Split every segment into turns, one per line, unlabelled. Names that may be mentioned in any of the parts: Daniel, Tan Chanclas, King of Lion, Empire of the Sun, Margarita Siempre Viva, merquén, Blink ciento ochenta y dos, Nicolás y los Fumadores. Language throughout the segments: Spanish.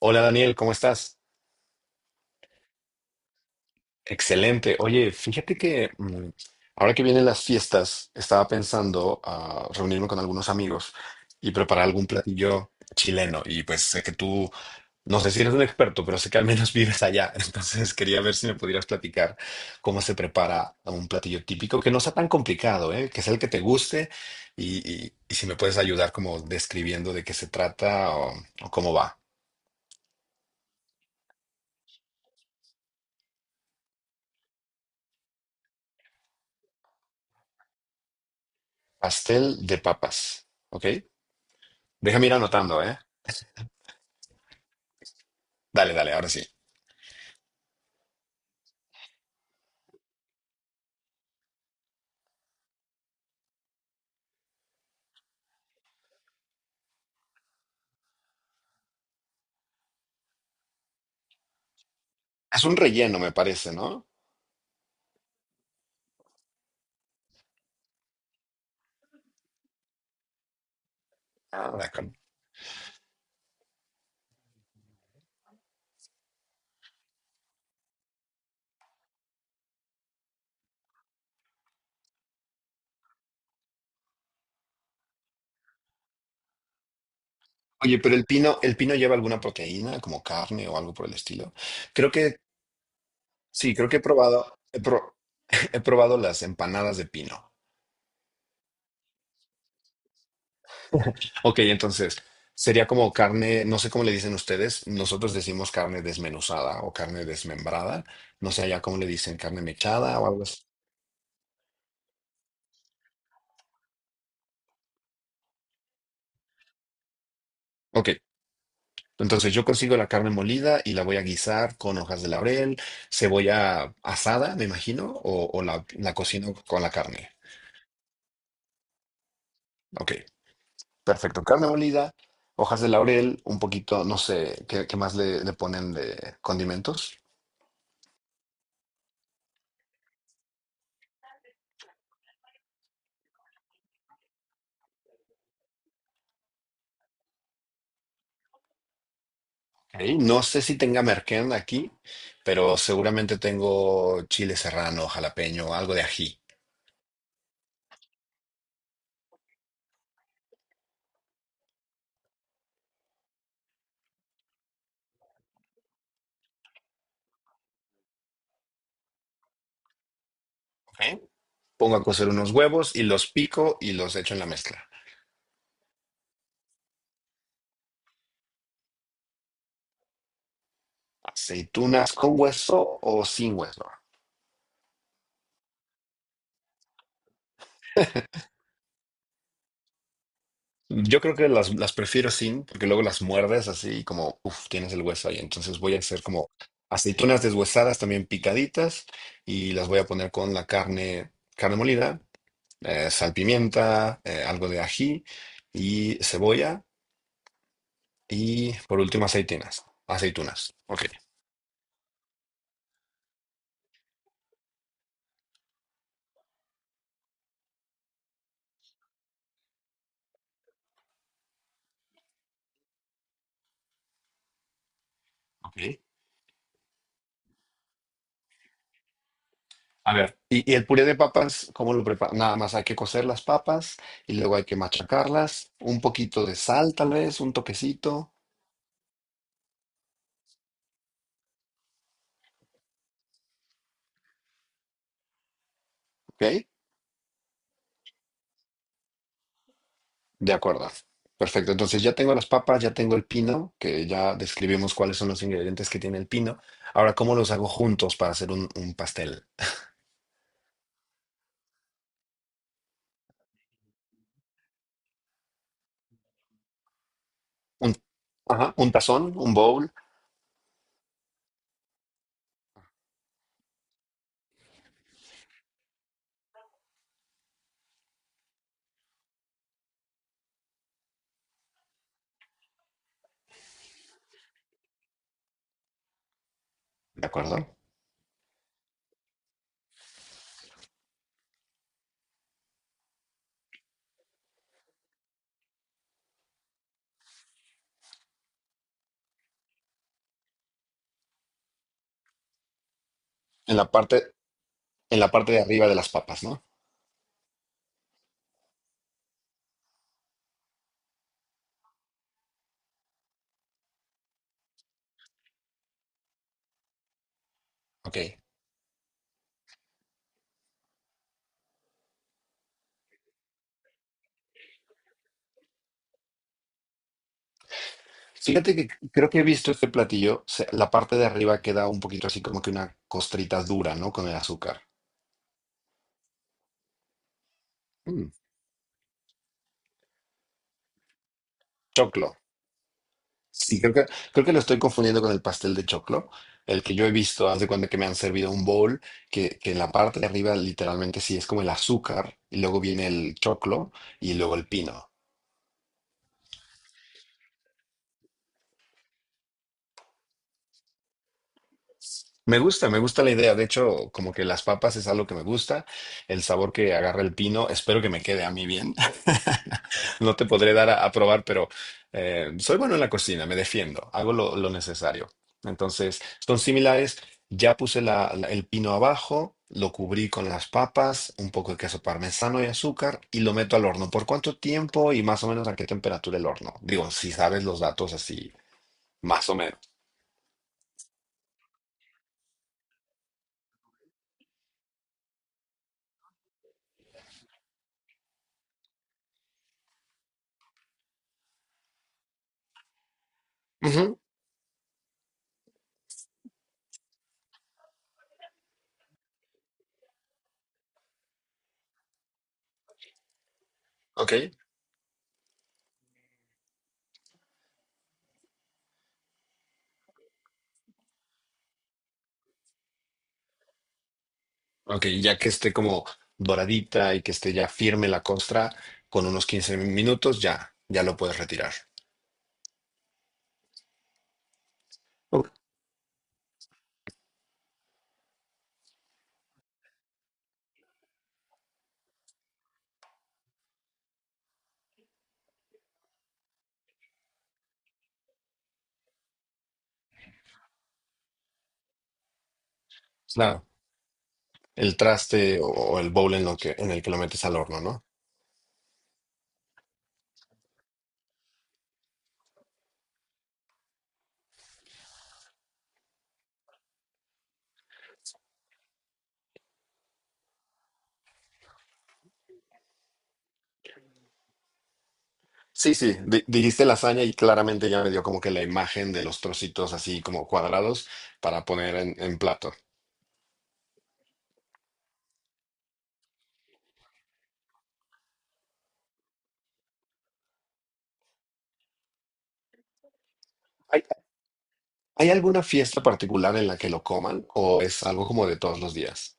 Hola Daniel, ¿cómo estás? Excelente. Oye, fíjate que ahora que vienen las fiestas, estaba pensando a reunirme con algunos amigos y preparar algún platillo chileno. Y pues sé que tú, no sé si eres un experto, pero sé que al menos vives allá. Entonces quería ver si me pudieras platicar cómo se prepara un platillo típico que no sea tan complicado, ¿eh? Que sea el que te guste y, y si me puedes ayudar como describiendo de qué se trata o cómo va. Pastel de papas, ¿ok? Déjame ir anotando, ¿eh? Dale, dale, ahora sí. Es un relleno, me parece, ¿no? Ah, de ok, acuerdo. Oye, pero el pino lleva alguna proteína, como carne o algo por el estilo. Creo que, sí, creo que he probado, he probado las empanadas de pino. Ok, entonces, sería como carne, no sé cómo le dicen ustedes, nosotros decimos carne desmenuzada o carne desmembrada. No sé ya cómo le dicen, carne mechada o algo así. Ok. Entonces yo consigo la carne molida y la voy a guisar con hojas de laurel, cebolla asada, me imagino, o la cocino con la carne. Ok, perfecto. Carne molida, hojas de laurel, un poquito, no sé, ¿qué más le ponen de condimentos? Ok, no sé si tenga merquén aquí, pero seguramente tengo chile serrano, jalapeño, algo de ají. Ok. Pongo a cocer unos huevos y los pico y los echo en la mezcla. ¿Aceitunas con hueso o sin hueso? Yo creo que las prefiero sin, porque luego las muerdes así como, uff, tienes el hueso ahí. Entonces voy a hacer como aceitunas deshuesadas también picaditas y las voy a poner con la carne, carne molida, salpimienta, algo de ají y cebolla y por último aceitunas. Aceitunas. Ok, ok. A ver. Y el puré de papas, ¿cómo lo preparo? Nada más hay que cocer las papas y luego hay que machacarlas, un poquito de sal tal vez, un toquecito, ¿ok? De acuerdo. Perfecto. Entonces ya tengo las papas, ya tengo el pino, que ya describimos cuáles son los ingredientes que tiene el pino. Ahora, ¿cómo los hago juntos para hacer un pastel? Un, ajá, un tazón, un bowl, ¿de acuerdo? En la parte, en la parte de arriba de las papas, ¿no? Ok. Fíjate que creo que he visto este platillo, la parte de arriba queda un poquito así como que una costrita dura, ¿no? Con el azúcar. Mm, choclo. Sí, creo que lo estoy confundiendo con el pastel de choclo. El que yo he visto, haz de cuenta que me han servido un bowl, que en la parte de arriba literalmente sí es como el azúcar, y luego viene el choclo y luego el pino. Me gusta la idea. De hecho, como que las papas es algo que me gusta, el sabor que agarra el pino, espero que me quede a mí bien. No te podré dar a probar, pero soy bueno en la cocina, me defiendo, hago lo necesario. Entonces, son similares. Ya puse el pino abajo, lo cubrí con las papas, un poco de queso parmesano y azúcar y lo meto al horno. ¿Por cuánto tiempo y más o menos a qué temperatura el horno? Digo, si sabes los datos así, más o menos. Ujú, ok, ok, ya que esté como doradita y que esté ya firme la costra, con unos 15 minutos ya, ya lo puedes retirar. Ok. El traste o el bowl lo que, en el que lo metes al horno, ¿no? Sí, sí, dijiste lasaña y claramente ya me dio como que la imagen de los trocitos así como cuadrados para poner en plato. ¿Hay, hay alguna fiesta particular en la que lo coman o es algo como de todos los días?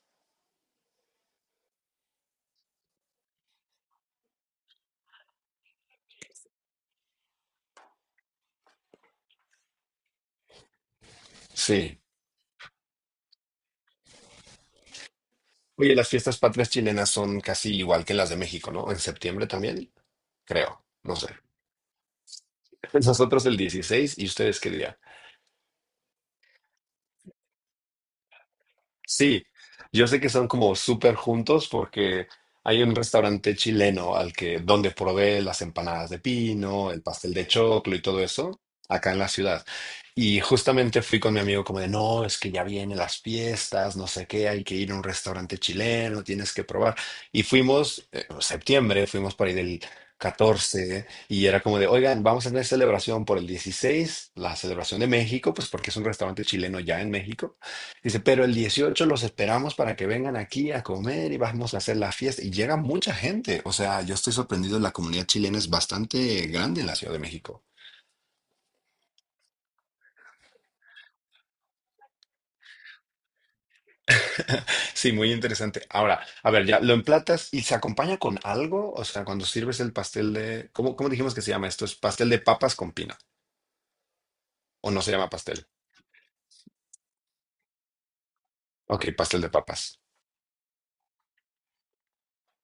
Sí. Oye, las fiestas patrias chilenas son casi igual que las de México, ¿no? En septiembre también, creo, no sé. ¿Nosotros el 16 y ustedes qué día? Sí, yo sé que son como súper juntos porque hay un restaurante chileno al que donde probé las empanadas de pino, el pastel de choclo y todo eso acá en la ciudad. Y justamente fui con mi amigo como de, no, es que ya vienen las fiestas, no sé qué, hay que ir a un restaurante chileno, tienes que probar. Y fuimos, en septiembre, fuimos por ahí del 14 y era como de, oigan, vamos a tener celebración por el 16, la celebración de México, pues porque es un restaurante chileno ya en México. Dice, pero el 18 los esperamos para que vengan aquí a comer y vamos a hacer la fiesta. Y llega mucha gente. O sea, yo estoy sorprendido. La comunidad chilena es bastante grande en la Ciudad de México. Sí, muy interesante. Ahora, a ver, ya lo emplatas y se acompaña con algo. O sea, cuando sirves el pastel de... ¿Cómo dijimos que se llama esto? ¿Es pastel de papas con pino? ¿O no se llama pastel? Ok, pastel de papas.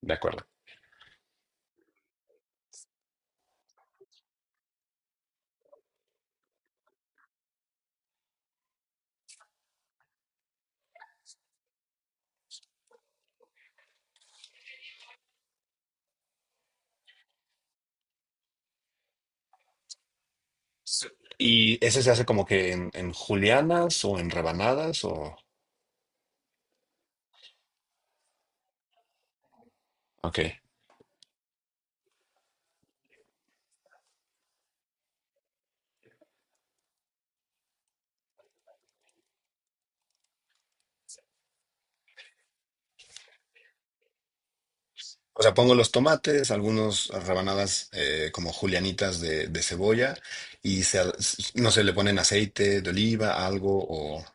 De acuerdo. Sí. ¿Y ese se hace como que en julianas o en rebanadas o...? Ok. O sea, pongo los tomates, algunas rebanadas como julianitas de cebolla y se, no sé, le ponen aceite de oliva, algo o,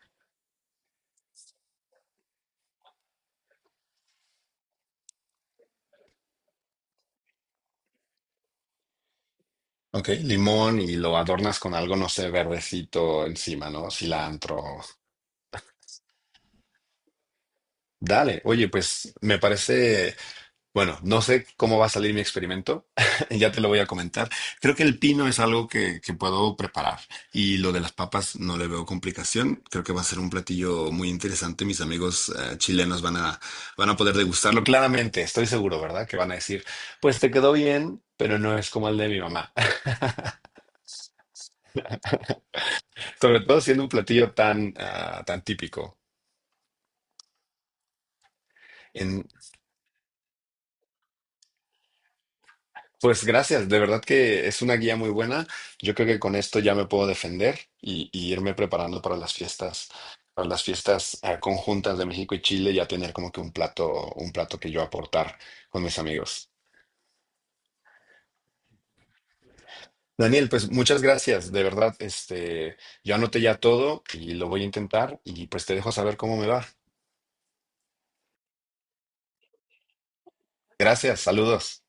ok, limón y lo adornas con algo, no sé, verdecito encima, ¿no? Cilantro. Dale, oye, pues me parece bueno, no sé cómo va a salir mi experimento, ya te lo voy a comentar. Creo que el pino es algo que puedo preparar y lo de las papas no le veo complicación. Creo que va a ser un platillo muy interesante. Mis amigos chilenos van a poder degustarlo. Claramente, estoy seguro, ¿verdad? Que van a decir, pues te quedó bien, pero no es como el de mi mamá. Sobre todo siendo un platillo tan típico. Pues gracias, de verdad que es una guía muy buena. Yo creo que con esto ya me puedo defender y irme preparando para las fiestas conjuntas de México y Chile, ya tener como que un plato que yo aportar con mis amigos. Daniel, pues muchas gracias, de verdad, este, yo anoté ya todo y lo voy a intentar y pues te dejo saber cómo me va. Gracias, saludos.